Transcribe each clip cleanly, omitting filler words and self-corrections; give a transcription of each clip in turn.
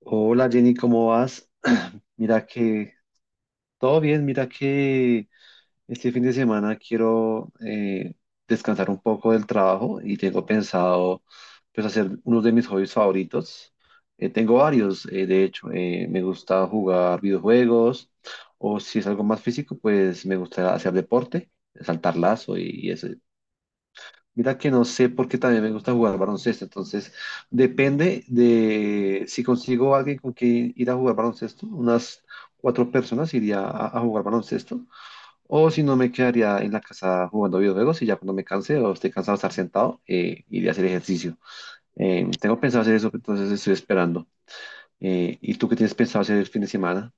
Hola Jenny, ¿cómo vas? Mira que todo bien, mira que este fin de semana quiero descansar un poco del trabajo y tengo pensado pues hacer uno de mis hobbies favoritos. Tengo varios, de hecho, me gusta jugar videojuegos o si es algo más físico, pues me gusta hacer deporte, saltar lazo y ese. Mira que no sé porque también me gusta jugar baloncesto, entonces depende de si consigo alguien con quien ir a jugar baloncesto, unas cuatro personas iría a jugar baloncesto, o si no me quedaría en la casa jugando videojuegos y ya cuando me canse o esté cansado de estar sentado, iría a hacer ejercicio. Tengo pensado hacer eso, entonces estoy esperando. ¿Y tú qué tienes pensado hacer el fin de semana?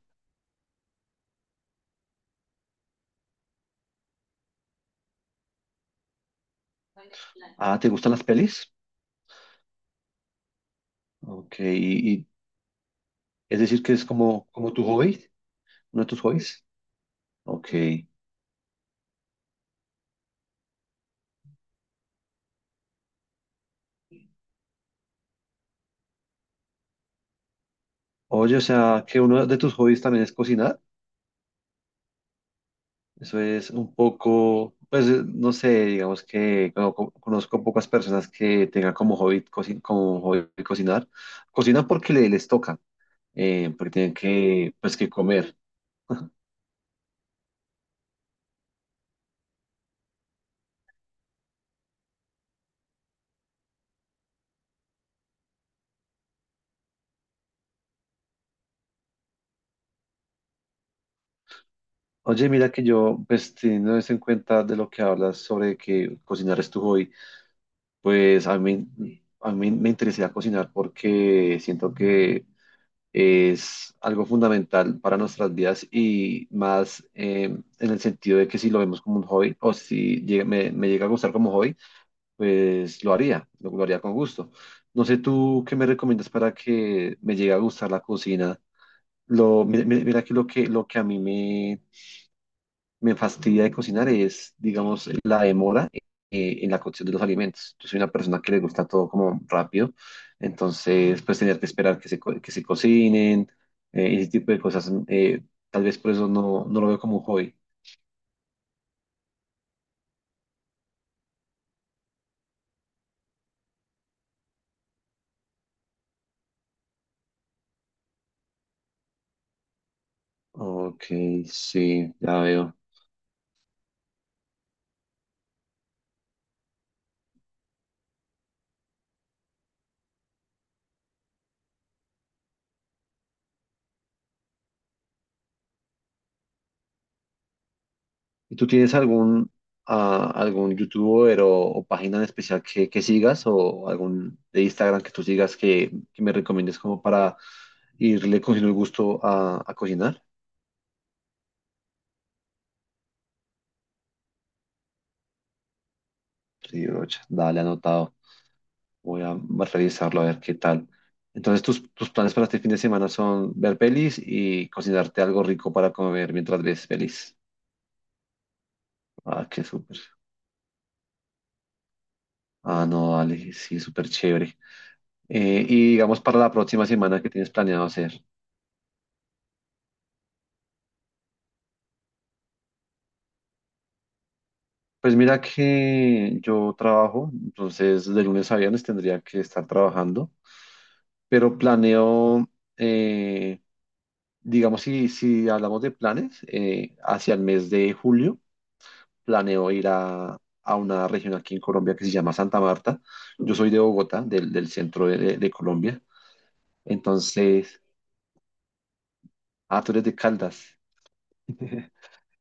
Ah, ¿te gustan las pelis? Ok, es decir que es como, como tu hobby, uno de tus hobbies. Ok. Oye, o sea, que uno de tus hobbies también es cocinar. Eso es un poco, pues no sé, digamos que como conozco pocas personas que tengan como hobby, como hobby cocinar. Cocinan porque les toca, porque tienen que, pues, que comer. Oye, mira que yo, pues teniendo eso en cuenta de lo que hablas sobre que cocinar es tu hobby, pues a mí me interesa cocinar porque siento que es algo fundamental para nuestras vidas y más en el sentido de que si lo vemos como un hobby o si me, me llega a gustar como hobby, pues lo haría, lo haría con gusto. No sé tú qué me recomiendas para que me llegue a gustar la cocina. Mira, que lo que a mí me, me fastidia de cocinar es, digamos, la demora en la cocción de los alimentos. Yo soy una persona que le gusta todo como rápido, entonces pues tener que esperar que que se cocinen, ese tipo de cosas, tal vez por eso no, no lo veo como un hobby. Ok, sí, ya veo. ¿Y tú tienes algún, ah, algún youtuber o página en especial que sigas o algún de Instagram que tú sigas que me recomiendes como para irle cogiendo el gusto a cocinar? Sí, brocha, dale anotado. Voy a revisarlo a ver qué tal. Entonces, tus planes para este fin de semana son ver pelis y cocinarte algo rico para comer mientras ves pelis. Ah, qué súper. Ah, no, dale, sí, súper chévere. Y digamos para la próxima semana, ¿qué tienes planeado hacer? Pues mira que yo trabajo, entonces de lunes a viernes tendría que estar trabajando, pero planeo, eh, digamos, si hablamos de planes, hacia el mes de julio. Planeo ir a una región aquí en Colombia que se llama Santa Marta. Yo soy de Bogotá, del centro de Colombia. Entonces, ah, tú eres de Caldas.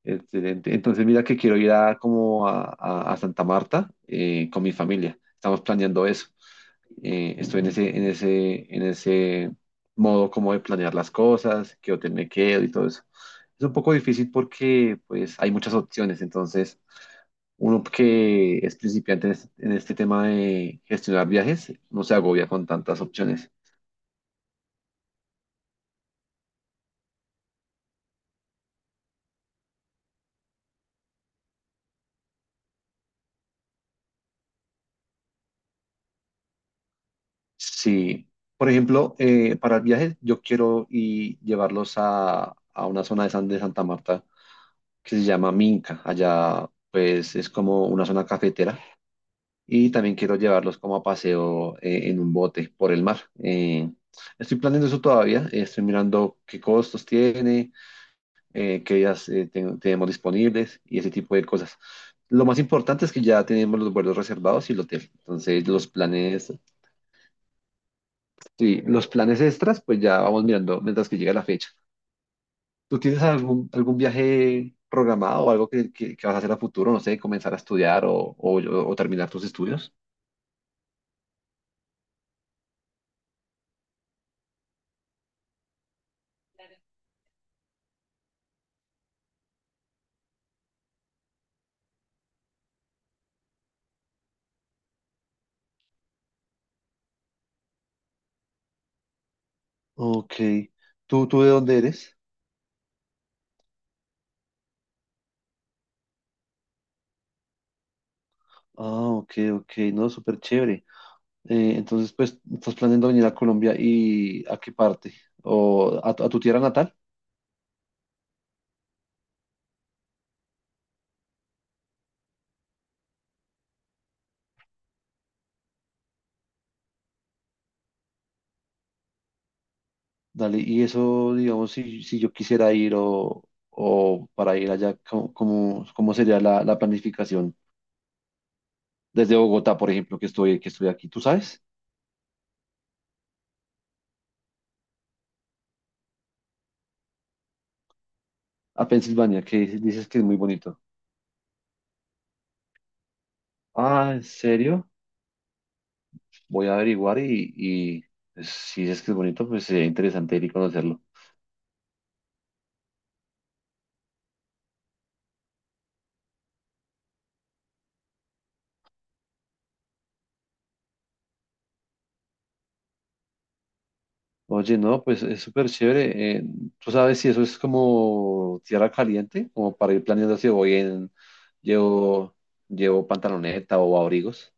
Excelente. Entonces, mira que quiero ir a como a Santa Marta con mi familia. Estamos planeando eso. Estoy en ese, en ese modo como de planear las cosas, qué hotel me quedo y todo eso. Es un poco difícil porque pues hay muchas opciones. Entonces, uno que es principiante en este tema de gestionar viajes no se agobia con tantas opciones. Sí, por ejemplo, para el viaje yo quiero y llevarlos a una zona de, San, de Santa Marta que se llama Minca. Allá pues es como una zona cafetera y también quiero llevarlos como a paseo en un bote por el mar. Eh, Estoy planeando eso todavía, estoy mirando qué costos tiene, qué días tenemos disponibles y ese tipo de cosas. Lo más importante es que ya tenemos los vuelos reservados y el hotel. Entonces los planes sí, los planes extras, pues ya vamos mirando mientras que llega la fecha. ¿Tú tienes algún, algún viaje programado o algo que vas a hacer a futuro? No sé, comenzar a estudiar o terminar tus estudios. Ok. Tú de dónde eres? Ah, ok, ok. No, súper chévere. Entonces, pues, ¿estás planeando venir a Colombia y a qué parte? ¿O a tu tierra natal? Dale, y eso, digamos, si yo quisiera ir o para ir allá, cómo sería la, la planificación? Desde Bogotá, por ejemplo, que estoy aquí, ¿tú sabes? A Pensilvania, que dices que es muy bonito. Ah, ¿en serio? Voy a averiguar y pues, si dices que es bonito, pues sería interesante ir y conocerlo. Oye, no, pues es súper chévere. ¿Tú sabes si eso es como tierra caliente? Como para ir planeando si voy en... Llevo, llevo pantaloneta o abrigos.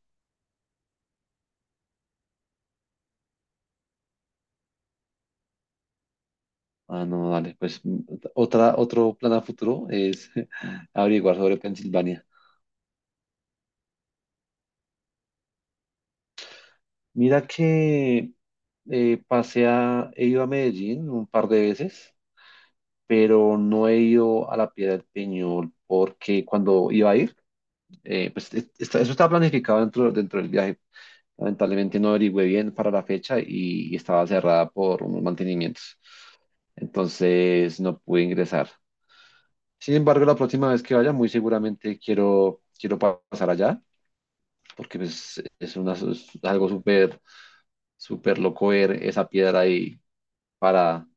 Ah, no, dale, pues otra, otro plan a futuro es averiguar sobre Pensilvania. Mira que he ido a Medellín un par de veces, pero no he ido a la Piedra del Peñol porque cuando iba a ir, pues eso estaba planificado dentro, dentro del viaje. Lamentablemente no averigüé bien para la fecha y estaba cerrada por unos mantenimientos. Entonces no pude ingresar. Sin embargo, la próxima vez que vaya, muy seguramente quiero, quiero pasar allá porque pues, es, una, es algo súper, súper loco ver esa piedra ahí para.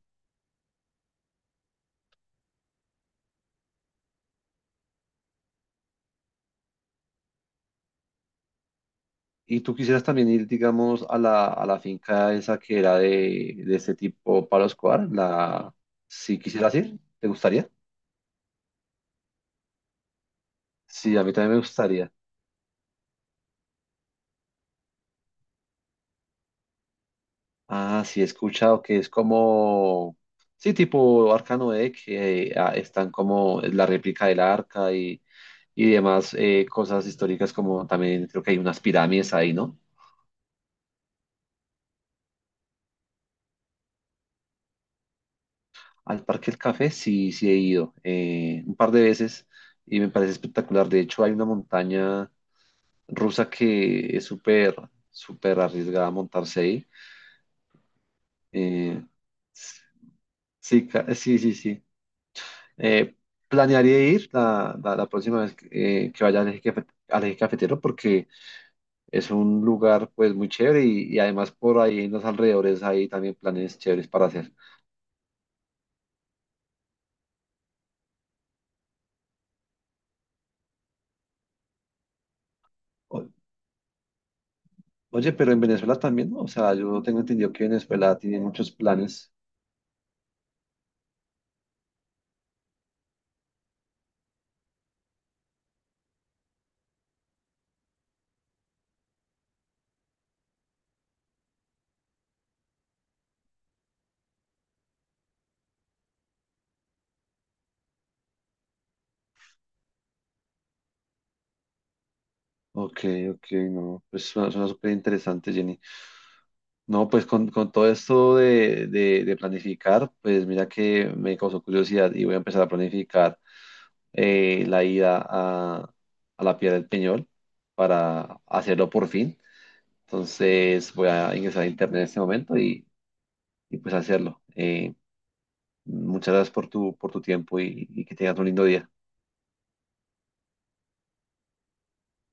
Y tú quisieras también ir, digamos, a la finca esa que era de este tipo Pablo Escobar, la, si quisieras ir, ¿te gustaría? Sí, a mí también me gustaría. Ah, sí, he escuchado que es como, sí, tipo Arca Noé, que ah, están como la réplica del arca y demás cosas históricas, como también creo que hay unas pirámides ahí, ¿no? Al Parque del Café sí, sí he ido un par de veces y me parece espectacular. De hecho, hay una montaña rusa que es súper, súper arriesgada montarse ahí. Eh, sí, sí, sí, sí. Eh, Planearía ir la próxima vez que vaya al al Eje cafetero porque es un lugar pues muy chévere y además por ahí en los alrededores hay también planes chéveres para hacer. O- Oye, pero en Venezuela también, ¿no? O sea, yo tengo entendido que Venezuela tiene muchos planes. Ok, ok, no. Pues suena, suena súper interesante, Jenny. No, pues con todo esto de planificar, pues mira que me causó curiosidad y voy a empezar a planificar la ida a la Piedra del Peñol para hacerlo por fin. Entonces voy a ingresar a internet en este momento y pues hacerlo. Muchas gracias por tu tiempo y que tengas un lindo día.